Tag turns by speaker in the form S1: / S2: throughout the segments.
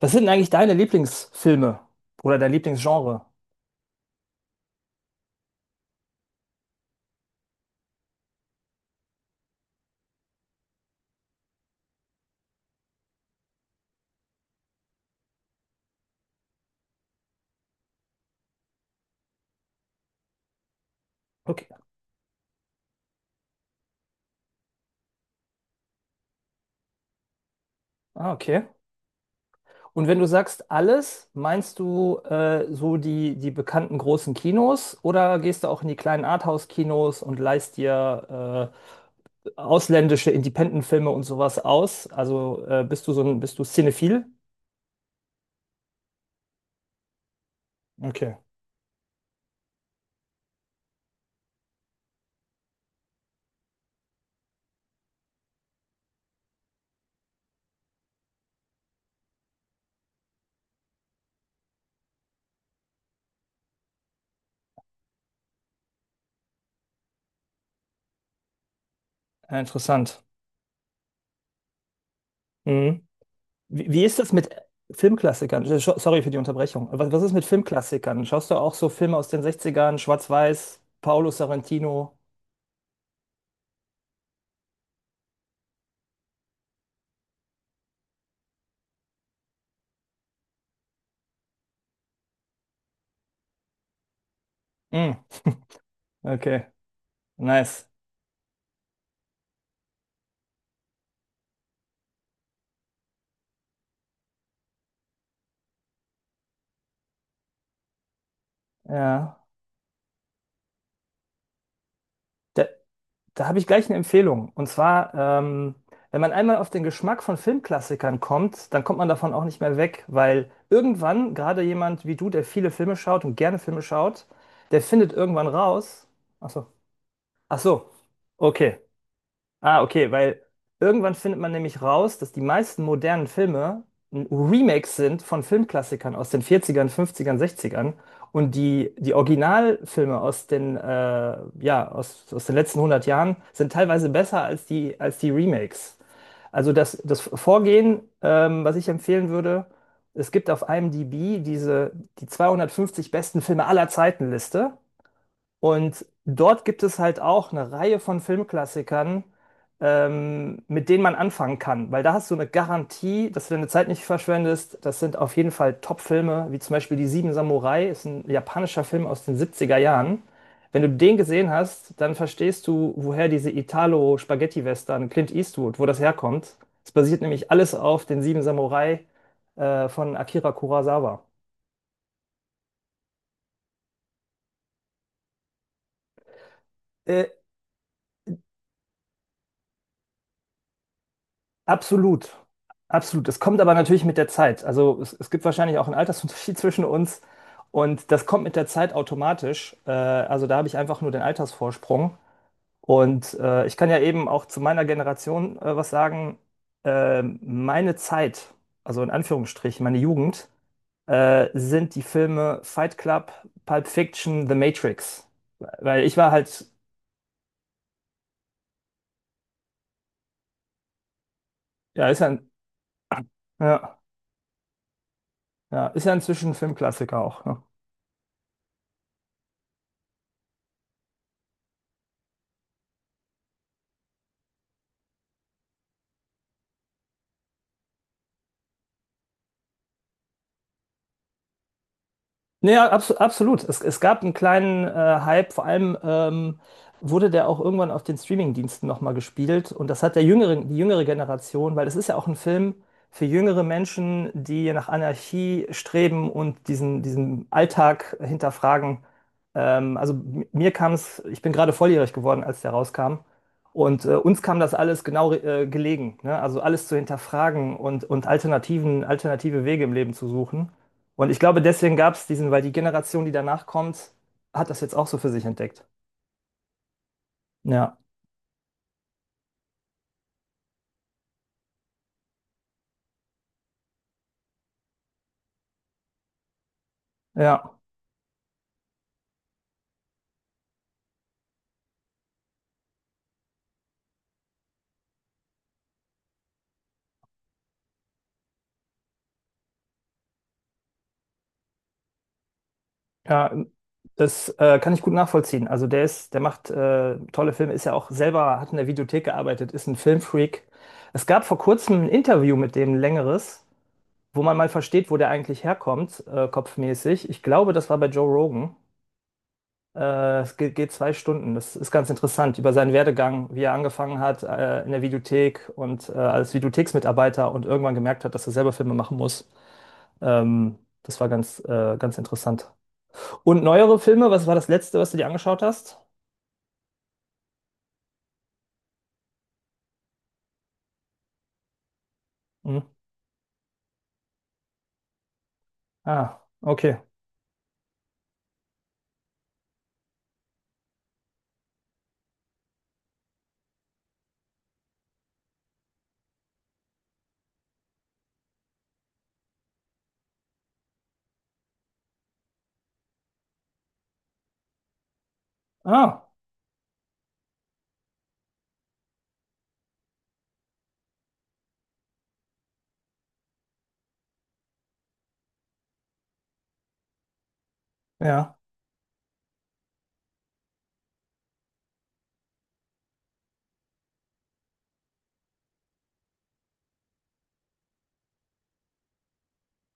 S1: Was sind denn eigentlich deine Lieblingsfilme oder dein Lieblingsgenre? Okay. Ah, okay. Und wenn du sagst alles, meinst du so die bekannten großen Kinos oder gehst du auch in die kleinen Arthouse-Kinos und leihst dir ausländische Independent-Filme und sowas aus? Also bist du so bist du cinephil? Okay, ja, interessant. Mhm. Wie ist das mit Filmklassikern? Sorry für die Unterbrechung. Was ist mit Filmklassikern? Schaust du auch so Filme aus den Sechzigern, ern Schwarz-Weiß, Paolo Sorrentino? Mm, okay, nice. Ja, da, da habe ich gleich eine Empfehlung. Und zwar, wenn man einmal auf den Geschmack von Filmklassikern kommt, dann kommt man davon auch nicht mehr weg, weil irgendwann, gerade jemand wie du, der viele Filme schaut und gerne Filme schaut, der findet irgendwann raus. Ach so. Ach so. Okay. Ah, okay, weil irgendwann findet man nämlich raus, dass die meisten modernen Filme ein Remake sind von Filmklassikern aus den 40ern, 50ern, 60ern und die Originalfilme aus den letzten 100 Jahren sind teilweise besser als als die Remakes. Also das Vorgehen, was ich empfehlen würde, es gibt auf IMDb die 250 besten Filme aller Zeiten Liste. Und dort gibt es halt auch eine Reihe von Filmklassikern, mit denen man anfangen kann, weil da hast du eine Garantie, dass du deine Zeit nicht verschwendest. Das sind auf jeden Fall Top-Filme, wie zum Beispiel Die Sieben Samurai, ist ein japanischer Film aus den 70 Jahren. Wenn du den gesehen hast, dann verstehst du, woher diese Italo-Spaghetti-Western Clint Eastwood, wo das herkommt. Es basiert nämlich alles auf den Sieben Samurai, von Akira Kurosawa. Äh, Absolut, absolut. Es kommt aber natürlich mit der Zeit. Also es gibt wahrscheinlich auch einen Altersunterschied zwischen uns und das kommt mit der Zeit automatisch. Also da habe ich einfach nur den Altersvorsprung. Und ich kann ja eben auch zu meiner Generation was sagen. Meine Zeit, also in Anführungsstrichen, meine Jugend, sind die Filme Fight Club, Pulp Fiction, The Matrix. Weil ich war halt, ja, ja, ja, ist ja inzwischen ein Filmklassiker auch, ne? Ja, absolut. Es gab einen kleinen Hype, vor allem wurde der auch irgendwann auf den Streaming-Diensten nochmal gespielt. Und das hat die jüngere Generation, weil es ist ja auch ein Film für jüngere Menschen, die nach Anarchie streben und diesen Alltag hinterfragen. Also mir kam es, ich bin gerade volljährig geworden, als der rauskam. Und uns kam das alles genau gelegen, ne? Also alles zu hinterfragen und Alternativen, alternative Wege im Leben zu suchen. Und ich glaube, deswegen gab es diesen, weil die Generation, die danach kommt, hat das jetzt auch so für sich entdeckt. Ja, ja, ja, das kann ich gut nachvollziehen. Also der ist, der macht tolle Filme, ist ja auch selber, hat in der Videothek gearbeitet, ist ein Filmfreak. Es gab vor kurzem ein Interview mit dem, ein längeres, wo man mal versteht, wo der eigentlich herkommt, kopfmäßig. Ich glaube, das war bei Joe Rogan. Geht zwei Stunden. Das ist ganz interessant über seinen Werdegang, wie er angefangen hat in der Videothek und als Videotheksmitarbeiter und irgendwann gemerkt hat, dass er selber Filme machen muss. Das war ganz interessant. Und neuere Filme, was war das letzte, was du dir angeschaut hast? Hm. Ah, okay. Ah, ja.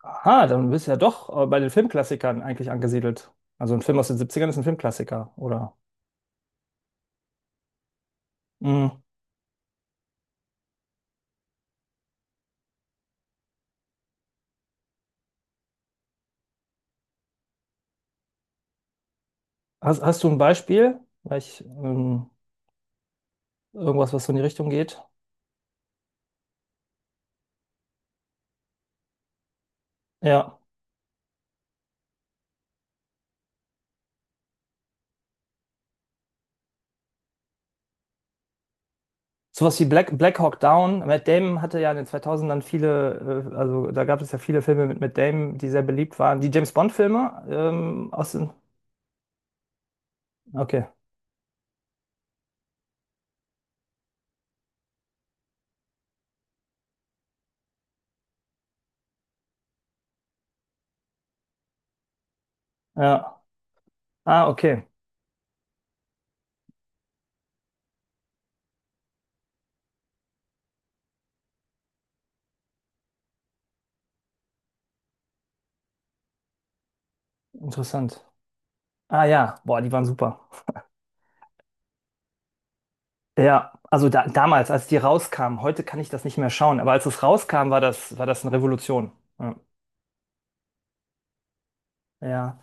S1: Aha, dann bist du ja doch bei den Filmklassikern eigentlich angesiedelt. Also ein Film aus den Siebzigern ist ein Filmklassiker, oder? Hm. Hast du ein Beispiel? Vielleicht irgendwas, was so in die Richtung geht? Ja. Sowas wie Black Hawk Down. Matt Damon hatte ja in den 2000ern viele, also da gab es ja viele Filme mit Matt Damon, die sehr beliebt waren. Die James Bond-Filme aus den. Okay. Ja. Ah, okay. Interessant. Ah, ja. Boah, die waren super. Ja, also da, damals, als die rauskamen, heute kann ich das nicht mehr schauen, aber als es rauskam, war das eine Revolution. Ja. Ja.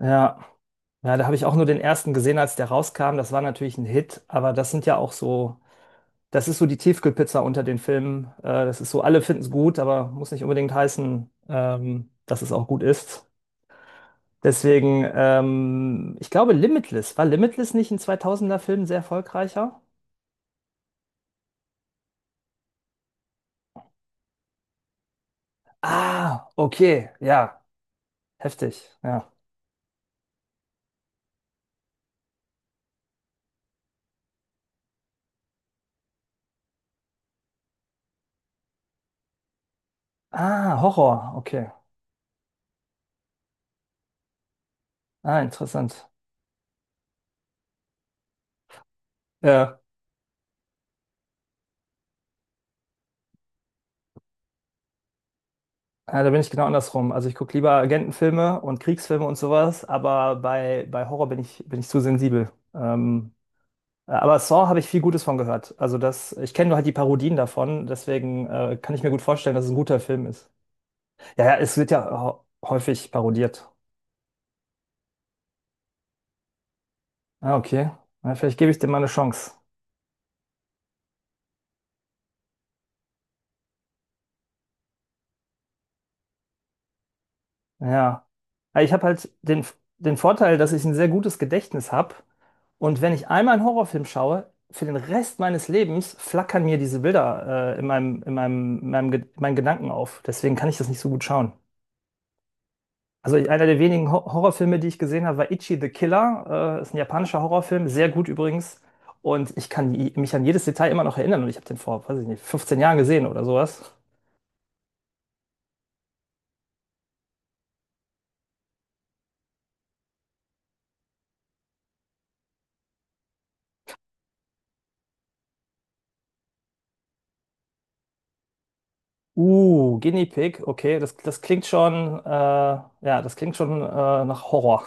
S1: Ja, ja, da habe ich auch nur den ersten gesehen, als der rauskam. Das war natürlich ein Hit, aber das sind ja auch so. Das ist so die Tiefkühlpizza unter den Filmen. Das ist so, alle finden es gut, aber muss nicht unbedingt heißen, dass es auch gut ist. Deswegen, ich glaube, Limitless. War Limitless nicht ein 2000er Film sehr erfolgreicher? Ah, okay, ja, heftig, ja. Ah, Horror, okay. Ah, interessant. Ja, ja, da bin ich genau andersrum. Also ich gucke lieber Agentenfilme und Kriegsfilme und sowas, aber bei Horror bin ich zu sensibel. Aber Saw habe ich viel Gutes von gehört. Also das, ich kenne nur halt die Parodien davon, deswegen kann ich mir gut vorstellen, dass es ein guter Film ist. Ja, ja, es wird ja häufig parodiert. Ah, okay. Na, vielleicht gebe ich dem mal eine Chance. Ja. Aber ich habe halt den Vorteil, dass ich ein sehr gutes Gedächtnis habe. Und wenn ich einmal einen Horrorfilm schaue, für den Rest meines Lebens flackern mir diese Bilder in in meinen Gedanken auf. Deswegen kann ich das nicht so gut schauen. Also einer der wenigen Horrorfilme, die ich gesehen habe, war Ichi the Killer. Ist ein japanischer Horrorfilm, sehr gut übrigens. Und ich kann mich an jedes Detail immer noch erinnern. Und ich habe den vor, weiß ich nicht, 15 Jahren gesehen oder sowas. Guinea Pig, okay, das klingt schon, ja, das klingt schon nach Horror.